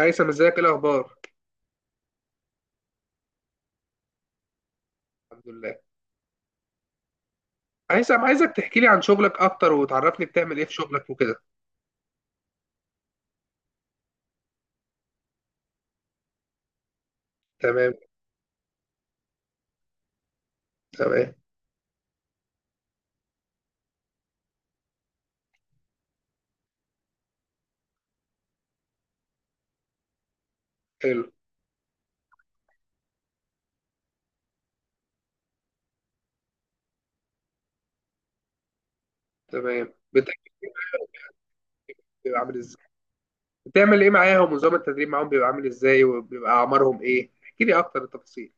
هيثم، ازيك؟ ايه الاخبار؟ الحمد لله. هيثم، عايزك تحكي لي عن شغلك اكتر وتعرفني بتعمل ايه في شغلك وكده. تمام. تمام. حلو. تمام، بتحكي لي بيبقى عامل ازاي؟ بتعمل ايه معاهم؟ ونظام التدريب معاهم بيبقى عامل ازاي؟ وبيبقى اعمارهم ايه؟ احكي لي اكتر التفاصيل.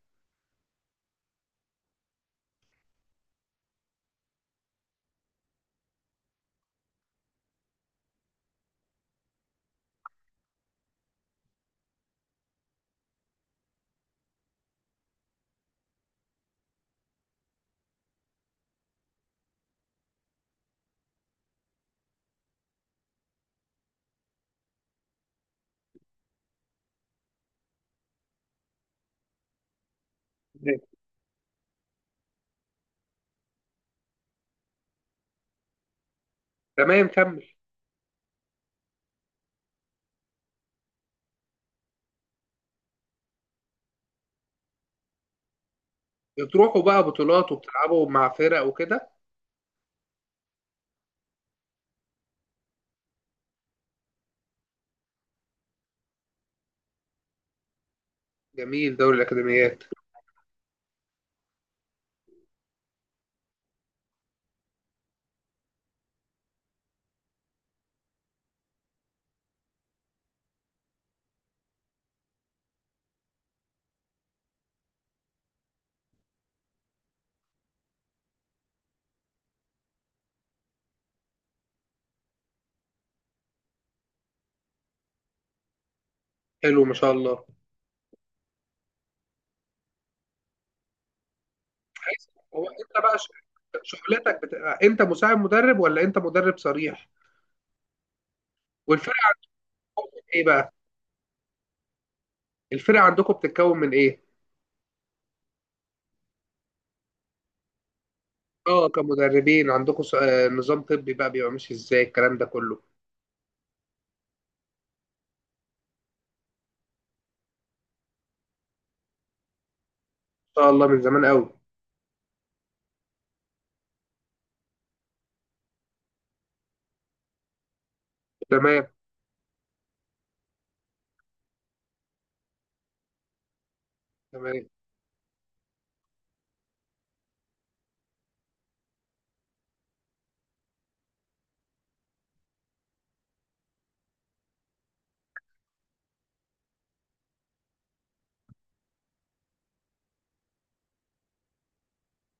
تمام. تمام، كمل. بتروحوا بقى بطولات وبتلعبوا مع فرق وكده؟ جميل، دوري الاكاديميات. حلو، ما شاء الله. هيثم، هو انت بقى شغلتك بتبقى انت مساعد مدرب ولا انت مدرب صريح؟ والفرقه عندكم ايه بقى؟ الفرقه عندكم بتتكون من ايه؟ اه كمدربين عندكم نظام طبي بقى بيبقى ماشي ازاي الكلام ده كله؟ ان شاء الله، من زمان قوي. تمام. تمام.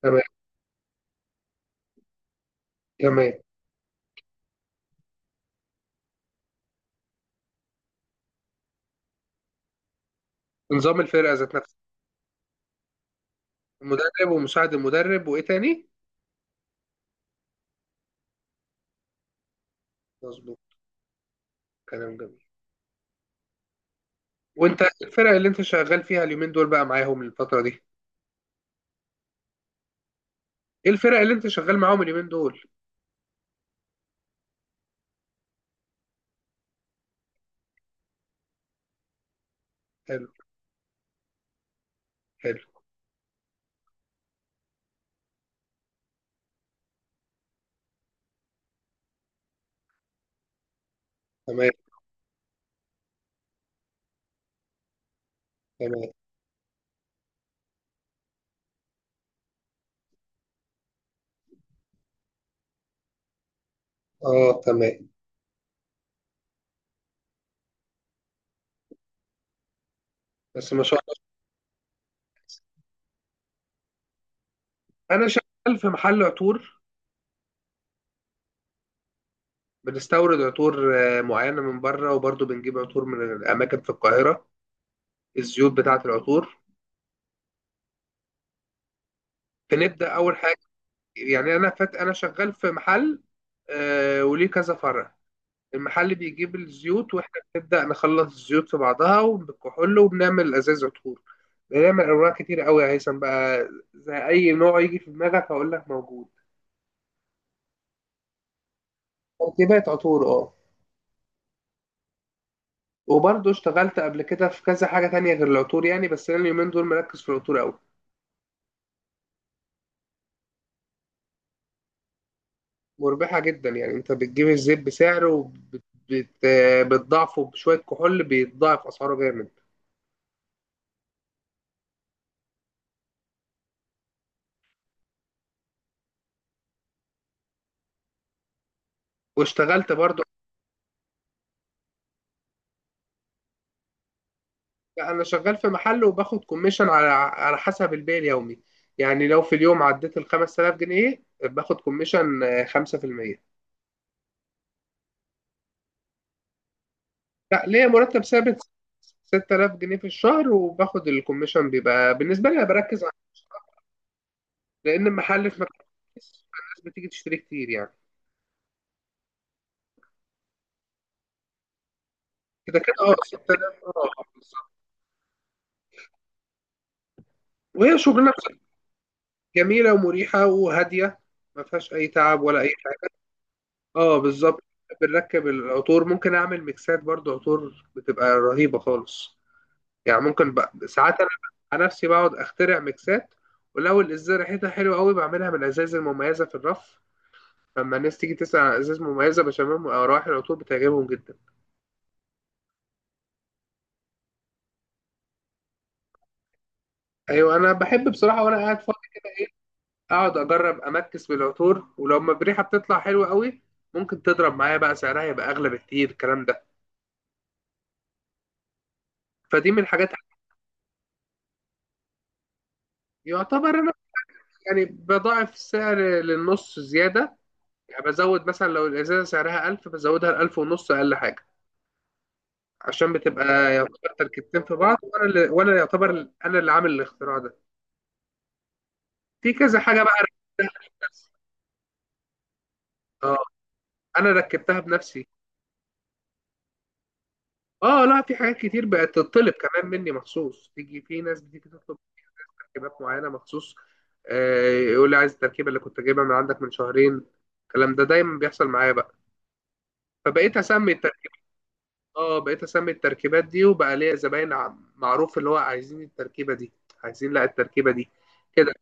تمام. تمام. نظام الفرقه ذات نفسها؟ المدرب ومساعد المدرب وايه تاني؟ مظبوط. كلام جميل. وانت الفرق اللي انت شغال فيها اليومين دول بقى معاهم الفتره دي؟ ايه الفرق اللي انت شغال معاهم اليومين دول؟ حلو. حلو. تمام. تمام. اه تمام. بس ما شاء الله. انا شغال في محل عطور. بنستورد عطور معينه من بره، وبرضه بنجيب عطور من اماكن في القاهره، الزيوت بتاعة العطور. فنبدأ أول حاجة، يعني أنا فات أنا شغال في محل وليه كذا فرع. المحل بيجيب الزيوت وإحنا بنبدأ نخلص الزيوت في بعضها وبالكحول وبنعمل أزاز عطور. بنعمل أنواع كتير قوي يا هيثم، بقى زي أي نوع يجي في دماغك هقول لك موجود. تركيبات عطور، أه. وبرضه اشتغلت قبل كده في كذا حاجة تانية غير العطور، يعني بس أنا اليومين دول مركز في العطور أوي. مربحة جدا، يعني انت بتجيب الزيت بسعره بت- بتضاعفه بشوية كحول بيتضاعف اسعاره جامد. واشتغلت برضو، يعني انا شغال في محل وباخد كوميشن على على حسب البيع اليومي. يعني لو في اليوم عديت ال 5000 جنيه باخد كوميشن 5%. لا، ليا مرتب ثابت، 6000 جنيه في الشهر، وباخد الكوميشن. بيبقى بالنسبة لي أنا بركز على، لأن المحل في مكان كويس، فالناس بتيجي تشتري كتير يعني. كده كده اه، 6000، اه بالظبط. وهي شغلنا، جميلة ومريحة وهادية، ما فيهاش أي تعب ولا أي حاجة. اه بالظبط. بنركب العطور، ممكن أعمل ميكسات برضو عطور بتبقى رهيبة خالص. يعني ممكن بقى ساعات أنا على نفسي بقعد أخترع ميكسات، ولو الإزازة ريحتها حلوة قوي بعملها من الأزاز المميزة في الرف. لما الناس تيجي تسأل عن أزاز مميزة بشممهم، أو روائح العطور بتعجبهم جدا. أيوة، أنا بحب بصراحة وأنا قاعد فاضي كده إيه، أقعد أجرب أمكس بالعطور، ولو ما بريحة بتطلع حلوة قوي ممكن تضرب معايا بقى، سعرها يبقى أغلى بكتير الكلام ده. فدي من الحاجات، يعتبر انا يعني بضاعف السعر للنص زياده. يعني بزود مثلا لو الازازه سعرها 1000 بزودها ل 1000 ونص اقل حاجه. عشان بتبقى يعتبر تركيبتين في بعض، وانا يعتبر انا اللي عامل الاختراع ده. في كذا حاجه بقى ركبتها بنفسي. اه، انا ركبتها بنفسي. اه لا، في حاجات كتير بقت تطلب كمان مني مخصوص، تيجي في ناس بتيجي تطلب تركيبات معينه مخصوص، يقول لي عايز التركيبه اللي كنت جايبها من عندك من شهرين. الكلام ده دايما بيحصل معايا بقى، فبقيت اسمي. اه، بقيت اسمي التركيبات دي وبقى ليا زباين معروف اللي هو عايزين التركيبه دي، عايزين لا التركيبه دي كده.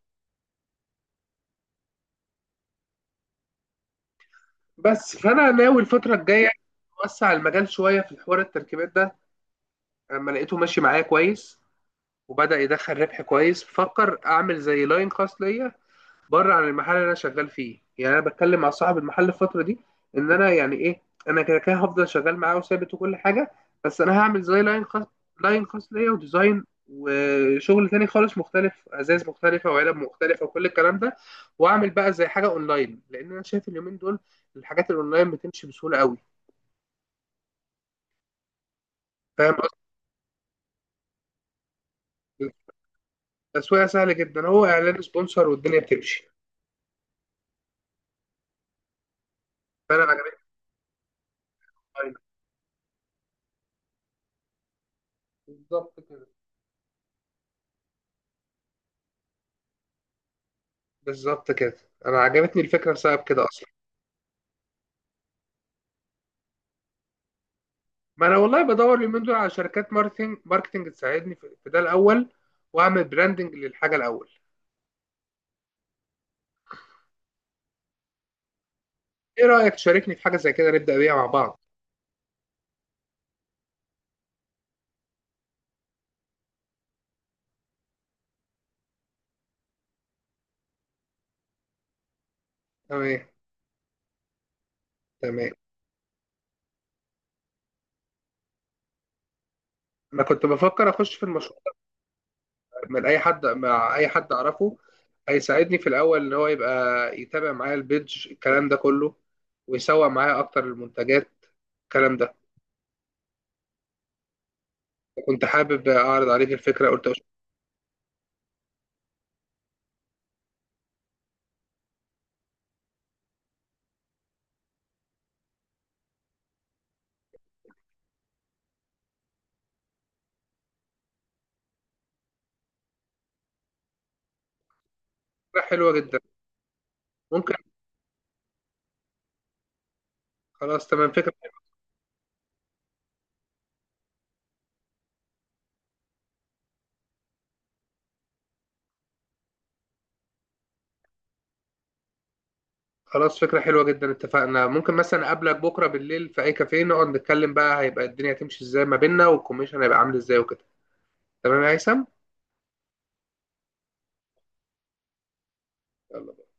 بس فانا ناوي الفتره الجايه اوسع المجال شويه في حوار التركيبات ده، اما لقيته ماشي معايا كويس وبدا يدخل ربح كويس، بفكر اعمل زي لاين خاص ليا بره عن المحل اللي انا شغال فيه. يعني انا بتكلم مع صاحب المحل الفتره دي، ان انا يعني ايه، انا كده كده هفضل شغال معاه وثابت وكل حاجه، بس انا هعمل زي لاين خاص. لاين خاص ليا، وديزاين وشغل تاني خالص مختلف، ازاز مختلفه وعلب مختلفه وكل الكلام ده. واعمل بقى زي حاجه اونلاين، لان انا شايف اليومين دول الحاجات الاونلاين بتمشي بسهوله قوي. فاهم قصدي؟ التسويق سهل جدا، هو اعلان سبونسر والدنيا بتمشي. فانا عجبتني الأونلاين. بالظبط كده. بالظبط كده. انا عجبتني الفكره بسبب كده اصلا. ما انا والله بدور اليومين دول على شركات ماركتنج تساعدني في ده الاول، واعمل براندنج للحاجه الاول. ايه رايك تشاركني في حاجه زي كده نبدا بيها مع بعض؟ تمام. تمام. انا كنت بفكر اخش في المشروع من اي حد، مع اي حد اعرفه هيساعدني في الاول، ان هو يبقى يتابع معايا البيدج الكلام ده كله، ويسوق معايا اكتر المنتجات الكلام ده. كنت حابب اعرض عليك الفكره قلت أشوف. فكره حلوه جدا. ممكن. خلاص تمام، فكره. خلاص، فكرة حلوة جدا، اتفقنا. ممكن مثلا أقابلك بكرة بالليل في أي كافيه نقعد نتكلم بقى هيبقى الدنيا هتمشي ازاي ما بيننا، والكوميشن هيبقى عامل ازاي وكده. تمام يا هيثم؟ يلا.